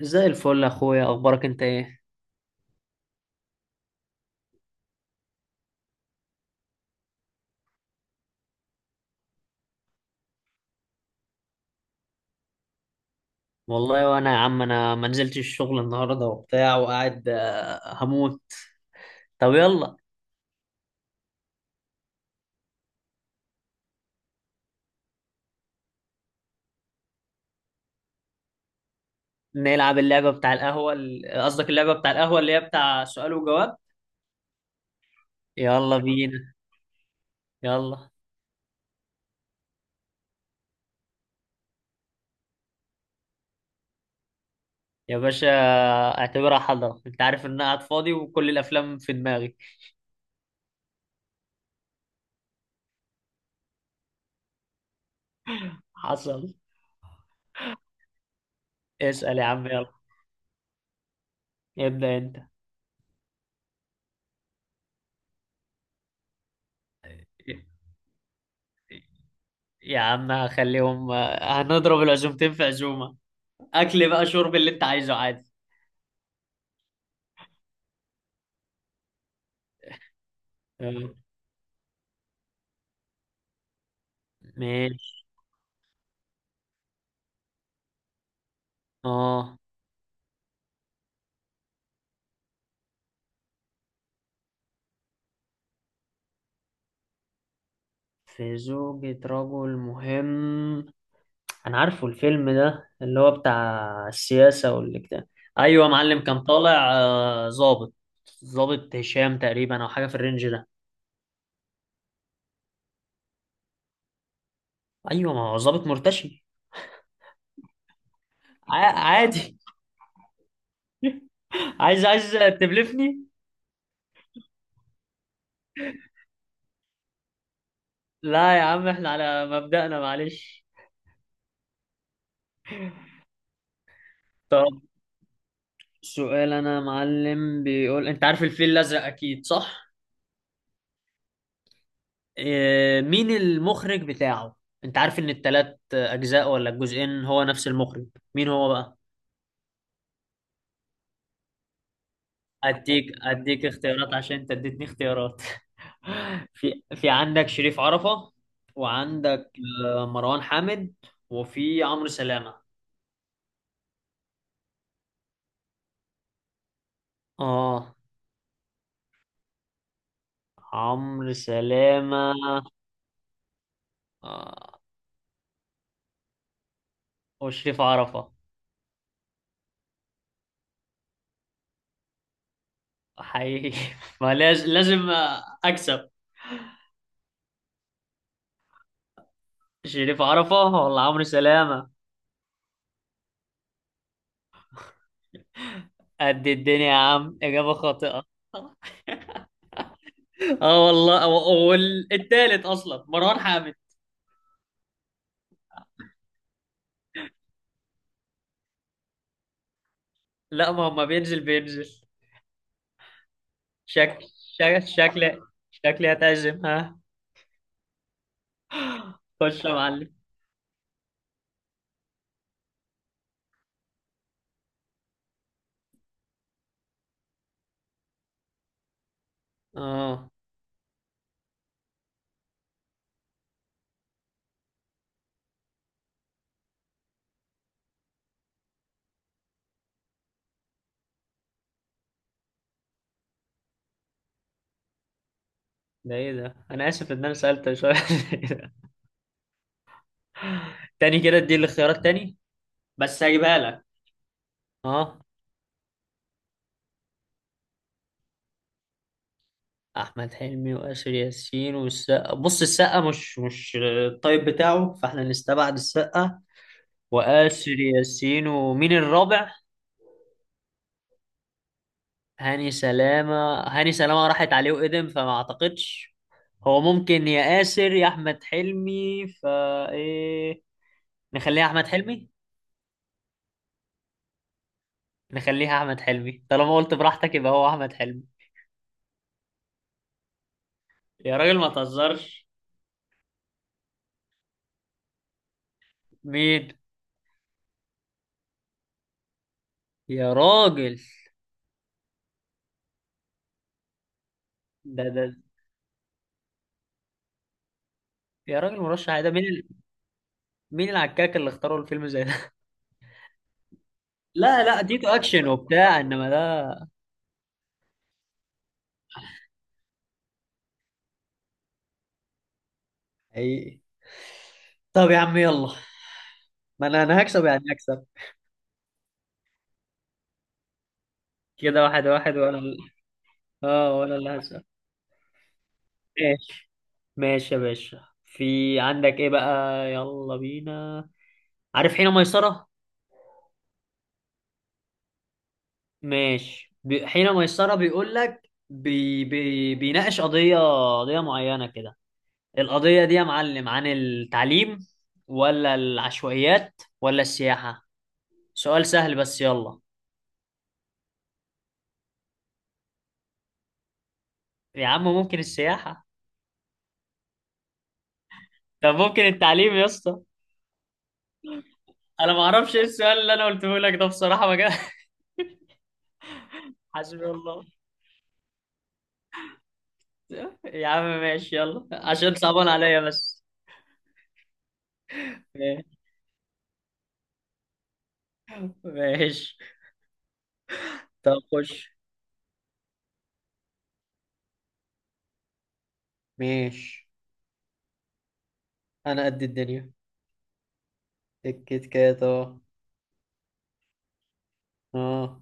زي الفل يا اخويا، اخبارك انت ايه؟ والله وانا يا عم انا ما نزلتش الشغل النهارده وبتاع وقاعد هموت. طب يلا نلعب اللعبه بتاع القهوه قصدك اللعبه بتاع القهوه اللي هي بتاع سؤال وجواب. يلا بينا، يلا. يا باشا، اعتبرها حضره، انت عارف ان انا قاعد فاضي وكل الافلام في دماغي. حصل. اسال يا عم، يلا. ابدا انت. يا عم هخليهم هنضرب العزومتين في عزومه. اكل بقى، شرب اللي انت عايزه عادي. آه، ماشي. اه. في زوجة رجل مهم. أنا عارفه الفيلم ده اللي هو بتاع السياسة والاجتماع. أيوة يا معلم، كان طالع ظابط هشام تقريبا أو حاجة في الرينج ده. أيوة، ما هو ظابط مرتشي. عادي. عايز تبلفني. لا يا عم، احنا على مبدأنا معلش. طب، سؤال أنا يا معلم بيقول: أنت عارف الفيل الأزرق أكيد صح؟ مين المخرج بتاعه؟ انت عارف ان التلات اجزاء ولا الجزئين هو نفس المخرج؟ مين هو بقى؟ اديك اختيارات عشان انت اديتني اختيارات. في عندك شريف عرفة، وعندك مروان حامد، وفي عمرو سلامة. اه. عمرو سلامة. آه، وشريف عرفة. حقيقي. ما لازم اكسب. شريف عرفة ولا عمرو سلامة؟ قد الدنيا يا عم، إجابة خاطئة. اه والله، والتالت اصلا مروان حامد. لا، ما هو ما بينزل بينزل. شكل شكل شكل شكلي هتعزم، ها؟ خش يا معلم. اه. ده ايه ده؟ انا اسف ان انا سالت شويه. تاني كده، ادي الاختيارات تاني، بس هجيبها لك. اه. احمد حلمي واسر ياسين والسقا. بص، السقا مش الطيب بتاعه، فاحنا نستبعد السقا. واسر ياسين، ومين الرابع؟ هاني سلامة هاني سلامة راحت عليه وقدم فما اعتقدش. هو ممكن يا ياسر يا احمد حلمي. ايه. نخليها احمد حلمي. نخليها احمد حلمي طالما قلت براحتك يبقى هو احمد حلمي. يا راجل ما تهزرش. مين؟ يا راجل. ده يا راجل، مرشح عادي، ده مين مين العكاك اللي اختاروا الفيلم زي ده؟ لا، لا، ديتو اكشن وبتاع، انما ده. حقيقي. طب يا عم، يلا. ما انا هكسب يعني هكسب. كده واحد واحد، وانا اه وانا اللي هكسب. ماشي يا باشا، في عندك ايه بقى؟ يلا بينا. عارف حين ميسرة؟ ماشي. حين ميسرة بيقول لك بيناقش قضية. قضية معينة كده. القضية دي يا معلم عن التعليم، ولا العشوائيات، ولا السياحة؟ سؤال سهل بس، يلا. يا عم ممكن السياحة؟ طب ممكن التعليم يا اسطى؟ انا ما اعرفش ايه السؤال اللي انا قلته لك ده بصراحة، ما جا- حسبي الله. يا عم ماشي، يلا عشان صعبان عليا بس. ماشي. طب خش. ماشي، انا قد الدنيا. الكيت كات، اه. اه.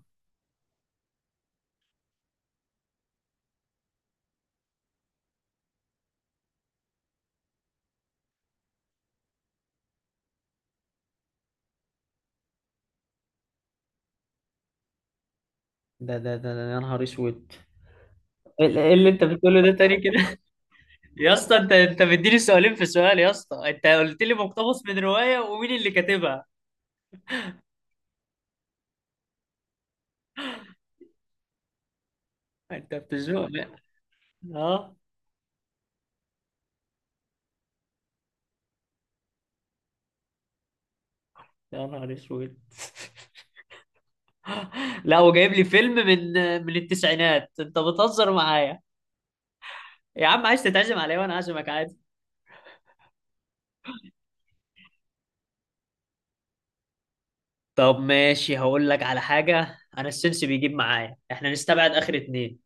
يا نهار اسود. ايه اللي انت بتقوله ده تاني كده؟ يا اسطى، انت مديني سؤالين في سؤال. يا اسطى، انت قلت لي مقتبس من رواية ومين اللي كاتبها. انت بتزنق، لا. اه. يا نهار اسود. لا، وجايب لي فيلم من التسعينات، انت بتهزر معايا. يا عم عايز تتعزم عليا وانا عازمك عادي. طب ماشي، هقول لك على حاجة، أنا السنس بيجيب معايا، إحنا نستبعد آخر اتنين.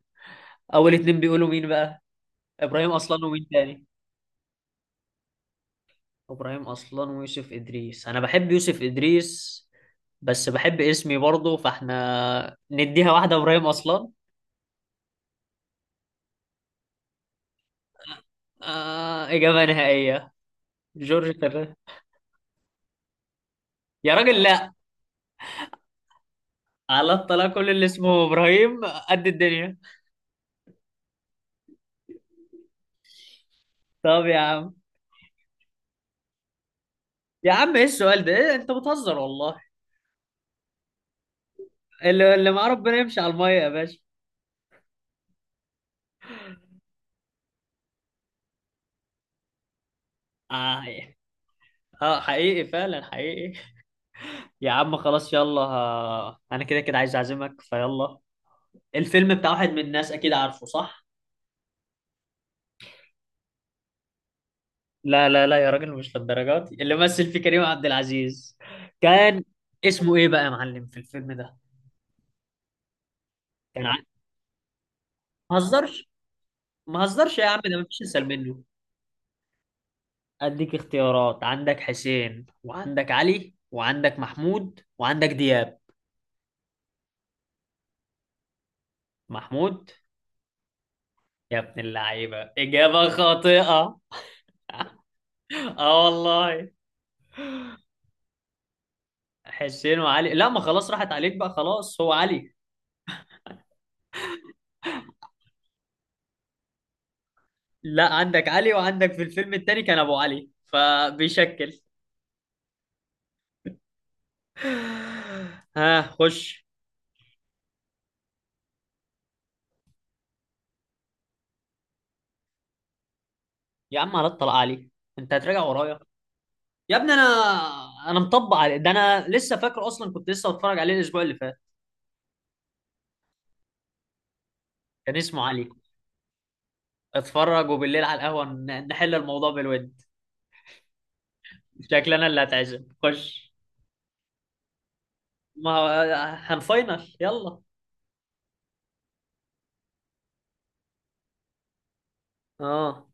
أول اتنين بيقولوا مين بقى؟ إبراهيم أصلان ومين تاني؟ إبراهيم أصلان ويوسف إدريس. أنا بحب يوسف إدريس، بس بحب اسمي برضه، فإحنا نديها واحدة إبراهيم أصلان. آه، إجابة نهائية. جورج فرنانديز. يا راجل لأ. على الطلاق، كل اللي اسمه إبراهيم قد الدنيا. طب يا عم. يا عم إيه السؤال ده؟ إيه، أنت بتهزر والله. اللي مع ربنا يمشي على المية يا باشا. آه. اه، حقيقي فعلا، حقيقي. يا عم خلاص، يلا. انا كده كده عايز اعزمك، فيلا. الفيلم بتاع واحد من الناس، اكيد عارفه صح؟ لا، لا، لا، يا راجل مش للدرجات دي. اللي مثل فيه كريم عبد العزيز. كان. اسمه ايه بقى يا معلم في الفيلم ده؟ كان ما هزرش. ما هزرش يا عم، ده مفيش اسهل منه. اديك اختيارات، عندك حسين، وعندك علي، وعندك محمود، وعندك دياب. محمود. يا ابن اللعيبة، إجابة خاطئة. اه والله. حسين وعلي. لا، ما خلاص، راحت عليك بقى، خلاص هو علي. لا، عندك علي، وعندك في الفيلم التاني كان ابو علي فبيشكل. ها، خش. يا عم على الطلاق علي. انت هتراجع ورايا. يا ابني، انا. انا مطبق علي ده، انا لسه فاكر، اصلا كنت لسه بتفرج عليه الاسبوع اللي فات. كان اسمه علي. اتفرج، وبالليل على القهوه نحل الموضوع بالود. شكلنا اللي هتعزم، خش. ما هو. هنفاينل، يلا. اه.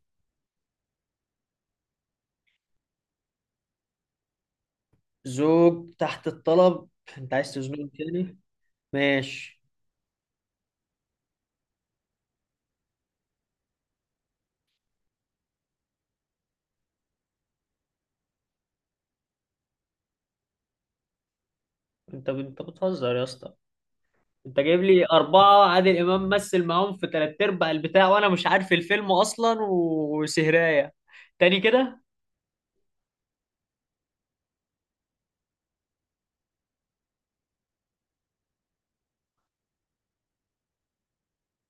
زوج تحت الطلب. انت عايز تزنقني تاني؟ ماشي. انت بتهزر يا اسطى. انت جايب لي أربعة عادل إمام مثل معاهم في تلات أرباع البتاع، وأنا مش عارف الفيلم أصلا وسهراية. تاني كده.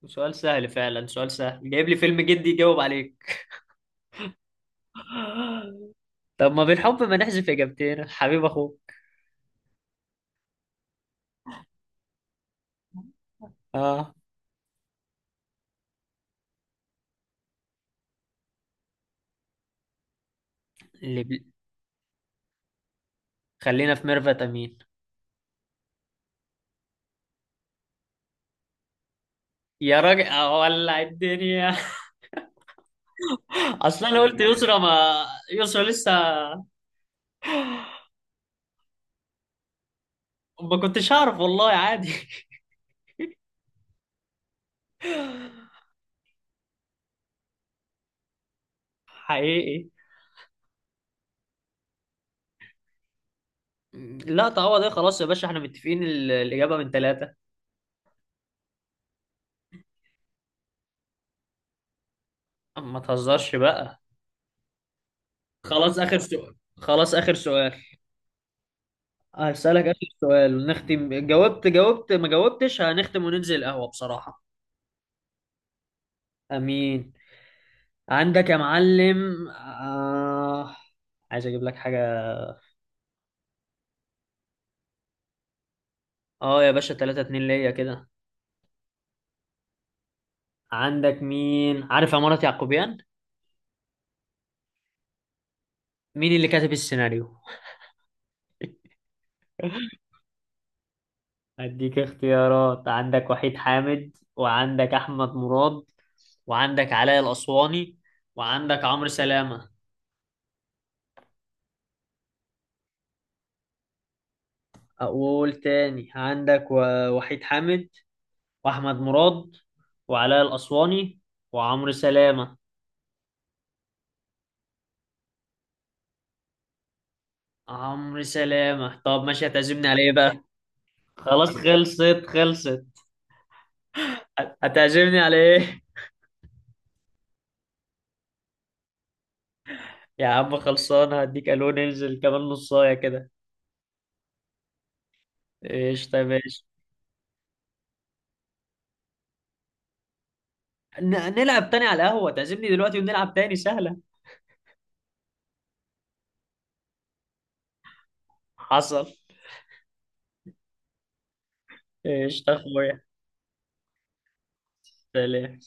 سؤال سهل فعلا، سؤال سهل جايب لي فيلم جدي يجاوب عليك. طب ما بالحب، ما نحذف إجابتين حبيب أخوك. اه. اللي بي... خلينا في ميرفت أمين. يا راجل أولع الدنيا! أصلا أنا قلت يسرا، ما يسرا لسه. ما كنتش هعرف والله، عادي. حقيقي. لا، تعوض ايه؟ خلاص يا باشا، احنا متفقين الإجابة من ثلاثة. ما تهزرش بقى. خلاص آخر سؤال، خلاص آخر سؤال. هسألك آخر سؤال نختم، جاوبت ما جاوبتش هنختم وننزل القهوة بصراحة. أمين. عندك يا معلم عايز أجيب لك حاجة. اه يا باشا، 3 2 ليا كده. عندك، مين عارف عمارة يعقوبيان؟ مين اللي كاتب السيناريو؟ أديك اختيارات، عندك وحيد حامد، وعندك أحمد مراد، وعندك علاء الأسواني، وعندك عمرو سلامة. أقول تاني، عندك وحيد حامد، وأحمد مراد، وعلاء الأسواني، وعمرو سلامة. عمرو سلامة. طب ماشي، هتعزمني على إيه بقى؟ خلاص، خلصت خلصت. هتعزمني على إيه؟ يا عم خلصان، هديك ألو، ننزل كمان نصاية كده. إيش، طيب إيش. ن- نلعب تاني على القهوة، تعزمني دلوقتي ونلعب تاني سهلة. حصل. ايش اخويا. سلام.